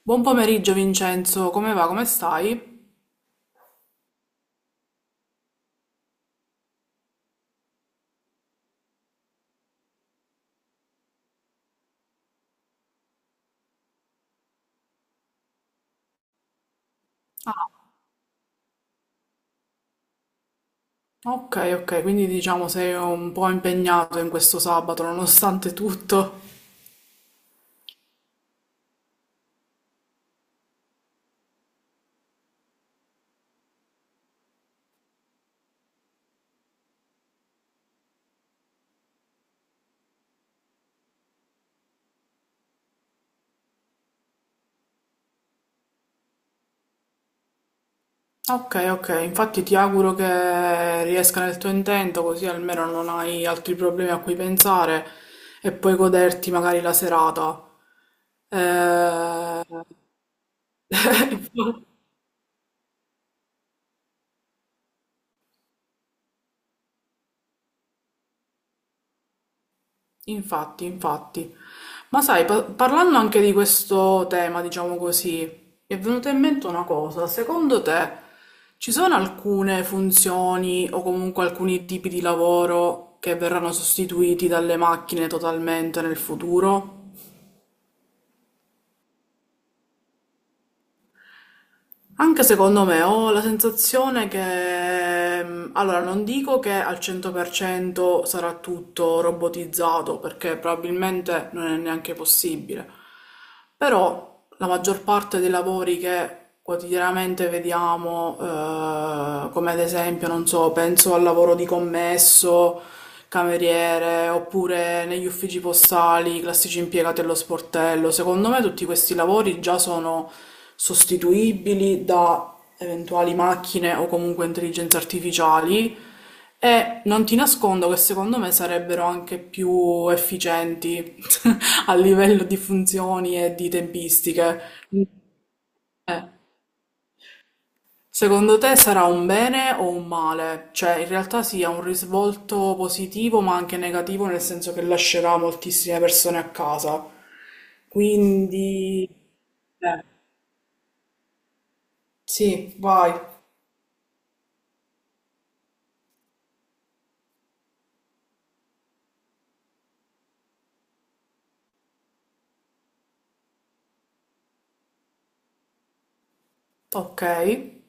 Buon pomeriggio Vincenzo, come va? Come stai? Ok, ok, quindi diciamo sei un po' impegnato in questo sabato nonostante tutto. Ok, ok, infatti ti auguro che riesca nel tuo intento così almeno non hai altri problemi a cui pensare e puoi goderti magari la serata. Eh... Infatti, infatti. Ma sai, parlando anche di questo tema, diciamo così, mi è venuta in mente una cosa. Secondo te ci sono alcune funzioni o comunque alcuni tipi di lavoro che verranno sostituiti dalle macchine totalmente nel futuro? Anche secondo me ho la sensazione che, allora non dico che al 100% sarà tutto robotizzato, perché probabilmente non è neanche possibile, però la maggior parte dei lavori che quotidianamente vediamo, come ad esempio, non so, penso al lavoro di commesso, cameriere, oppure negli uffici postali, i classici impiegati allo sportello, secondo me tutti questi lavori già sono sostituibili da eventuali macchine o comunque intelligenze artificiali e non ti nascondo che secondo me sarebbero anche più efficienti a livello di funzioni e di tempistiche. Eh, secondo te sarà un bene o un male, cioè in realtà sia un risvolto positivo ma anche negativo, nel senso che lascerà moltissime persone a casa, quindi eh, sì, vai. Okay.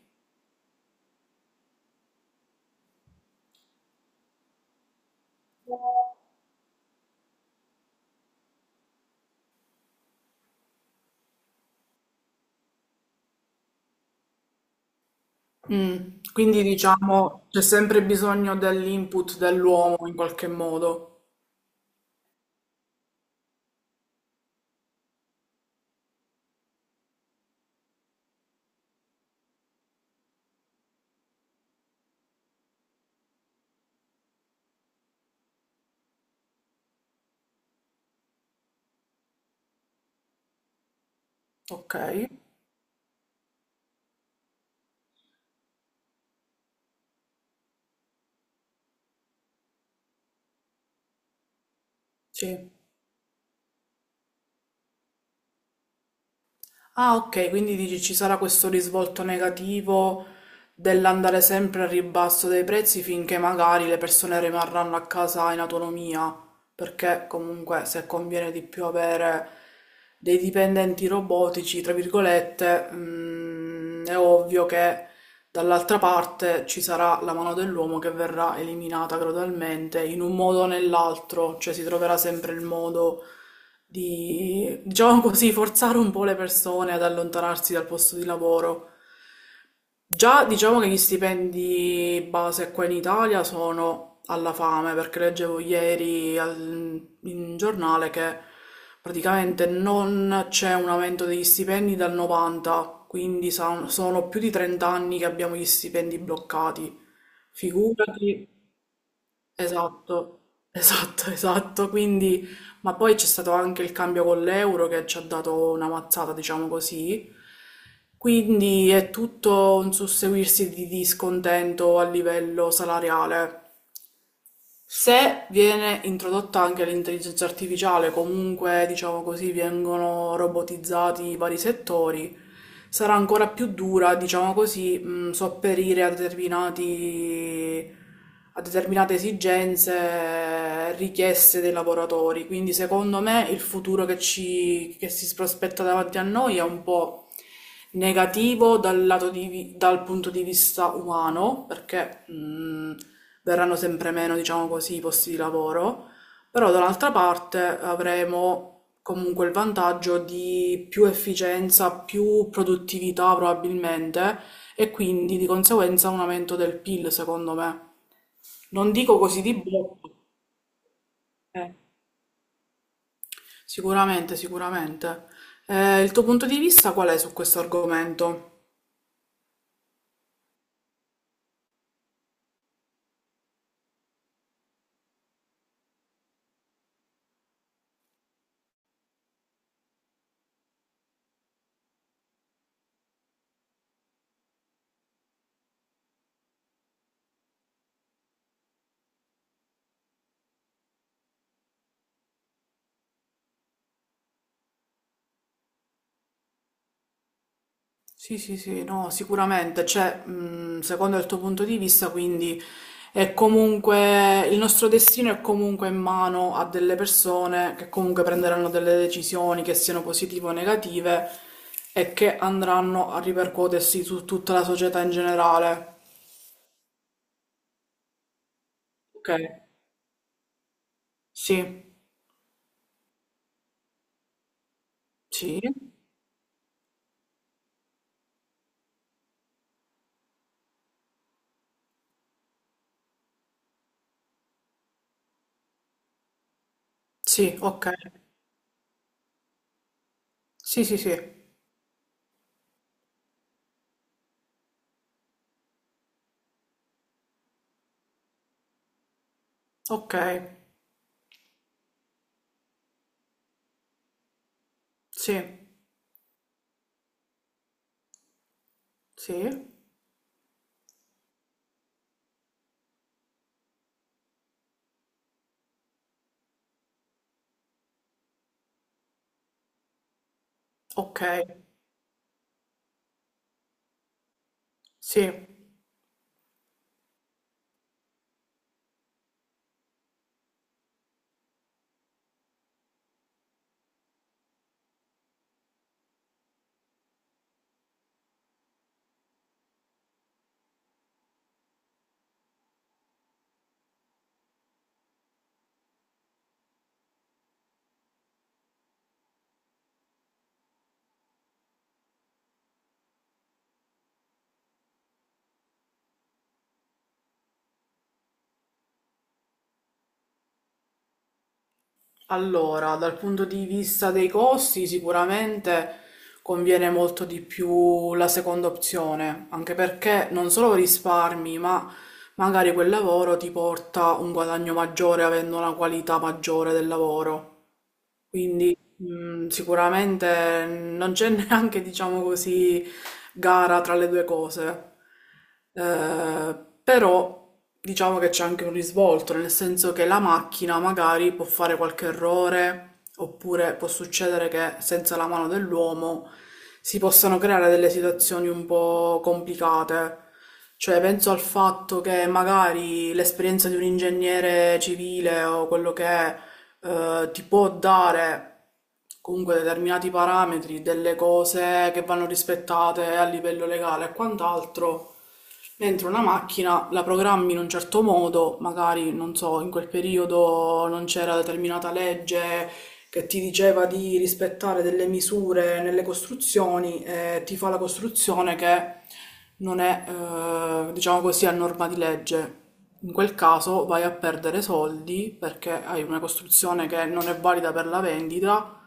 Mm. Quindi diciamo c'è sempre bisogno dell'input dell'uomo in qualche modo. Ok, sì. Ah, ok, quindi dici ci sarà questo risvolto negativo dell'andare sempre al ribasso dei prezzi finché magari le persone rimarranno a casa in autonomia, perché comunque se conviene di più avere dei dipendenti robotici, tra virgolette, è ovvio che dall'altra parte ci sarà la mano dell'uomo che verrà eliminata gradualmente in un modo o nell'altro, cioè si troverà sempre il modo di, diciamo così, forzare un po' le persone ad allontanarsi dal posto di lavoro. Già diciamo che gli stipendi base qua in Italia sono alla fame, perché leggevo ieri in giornale che praticamente non c'è un aumento degli stipendi dal 90, quindi sono più di 30 anni che abbiamo gli stipendi bloccati. Figurati. Esatto, esatto, esatto. Quindi, ma poi c'è stato anche il cambio con l'euro che ci ha dato una mazzata, diciamo così. Quindi è tutto un susseguirsi di discontento a livello salariale. Se viene introdotta anche l'intelligenza artificiale, comunque diciamo così vengono robotizzati i vari settori, sarà ancora più dura, diciamo così, sopperire a determinati, a determinate esigenze, richieste dei lavoratori. Quindi secondo me il futuro che ci, che si prospetta davanti a noi è un po' negativo dal lato di dal punto di vista umano, perché verranno sempre meno, diciamo così, i posti di lavoro, però dall'altra parte avremo comunque il vantaggio di più efficienza, più produttività probabilmente e quindi di conseguenza un aumento del PIL, secondo me. Non dico così di botto. eh. Sicuramente, sicuramente. Il tuo punto di vista qual è su questo argomento? Sì, sì, sì, no, sicuramente, cioè, secondo il tuo punto di vista, quindi è comunque il nostro destino, è comunque in mano a delle persone che comunque prenderanno delle decisioni che siano positive o negative e che andranno a ripercuotersi su tutta la società in generale. Ok, sì, sì, sì, ok, sì, sì, sì, ok, sì, sì, ok, sì. Allora, dal punto di vista dei costi, sicuramente conviene molto di più la seconda opzione, anche perché non solo risparmi, ma magari quel lavoro ti porta un guadagno maggiore avendo una qualità maggiore del lavoro. Quindi sicuramente non c'è neanche, diciamo così, gara tra le due cose. Eh, però diciamo che c'è anche un risvolto, nel senso che la macchina magari può fare qualche errore, oppure può succedere che senza la mano dell'uomo si possano creare delle situazioni un po' complicate. Cioè, penso al fatto che magari l'esperienza di un ingegnere civile o quello che è ti può dare comunque determinati parametri, delle cose che vanno rispettate a livello legale e quant'altro, dentro una macchina, la programmi in un certo modo, magari non so, in quel periodo non c'era determinata legge che ti diceva di rispettare delle misure nelle costruzioni e ti fa la costruzione che non è, diciamo così, a norma di legge. In quel caso vai a perdere soldi perché hai una costruzione che non è valida per la vendita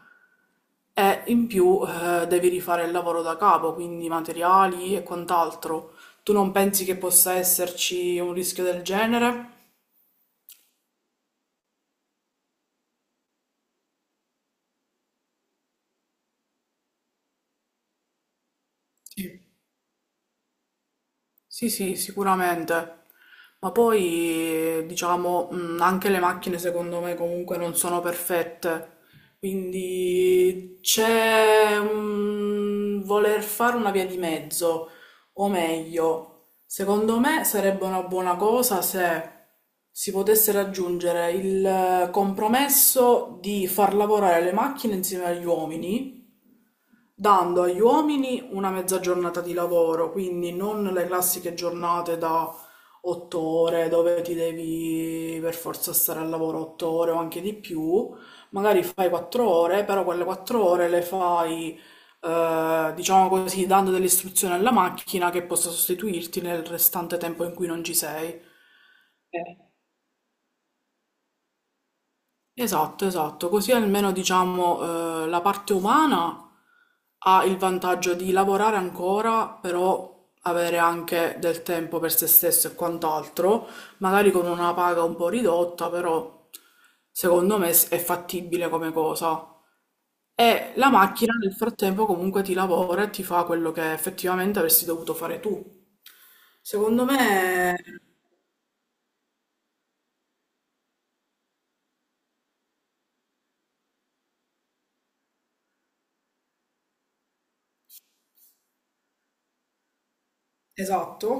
e in più devi rifare il lavoro da capo, quindi materiali e quant'altro. Tu non pensi che possa esserci un rischio del genere? Sì. Sì, sì, sicuramente. Ma poi, diciamo, anche le macchine secondo me comunque non sono perfette. Quindi c'è un voler fare una via di mezzo, o meglio, secondo me sarebbe una buona cosa se si potesse raggiungere il compromesso di far lavorare le macchine insieme agli uomini dando agli uomini una mezza giornata di lavoro, quindi non le classiche giornate da 8 ore dove ti devi per forza stare al lavoro 8 ore o anche di più, magari fai 4 ore, però quelle 4 ore le fai, diciamo così, dando delle istruzioni alla macchina che possa sostituirti nel restante tempo in cui non ci sei. Esatto, esatto, così almeno diciamo la parte umana ha il vantaggio di lavorare ancora, però avere anche del tempo per se stesso e quant'altro, magari con una paga un po' ridotta, però secondo me è fattibile come cosa. E la macchina nel frattempo comunque ti lavora e ti fa quello che effettivamente avresti dovuto fare tu. Secondo me, esatto.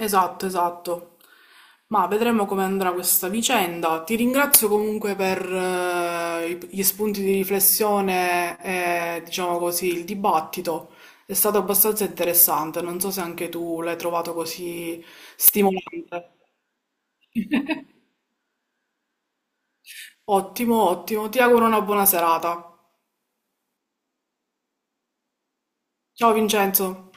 Esatto, esatto. Ma vedremo come andrà questa vicenda. Ti ringrazio comunque per gli spunti di riflessione e, diciamo così, il dibattito. È stato abbastanza interessante. Non so se anche tu l'hai trovato così stimolante. Ottimo, ottimo. Ti auguro una buona serata. Ciao Vincenzo.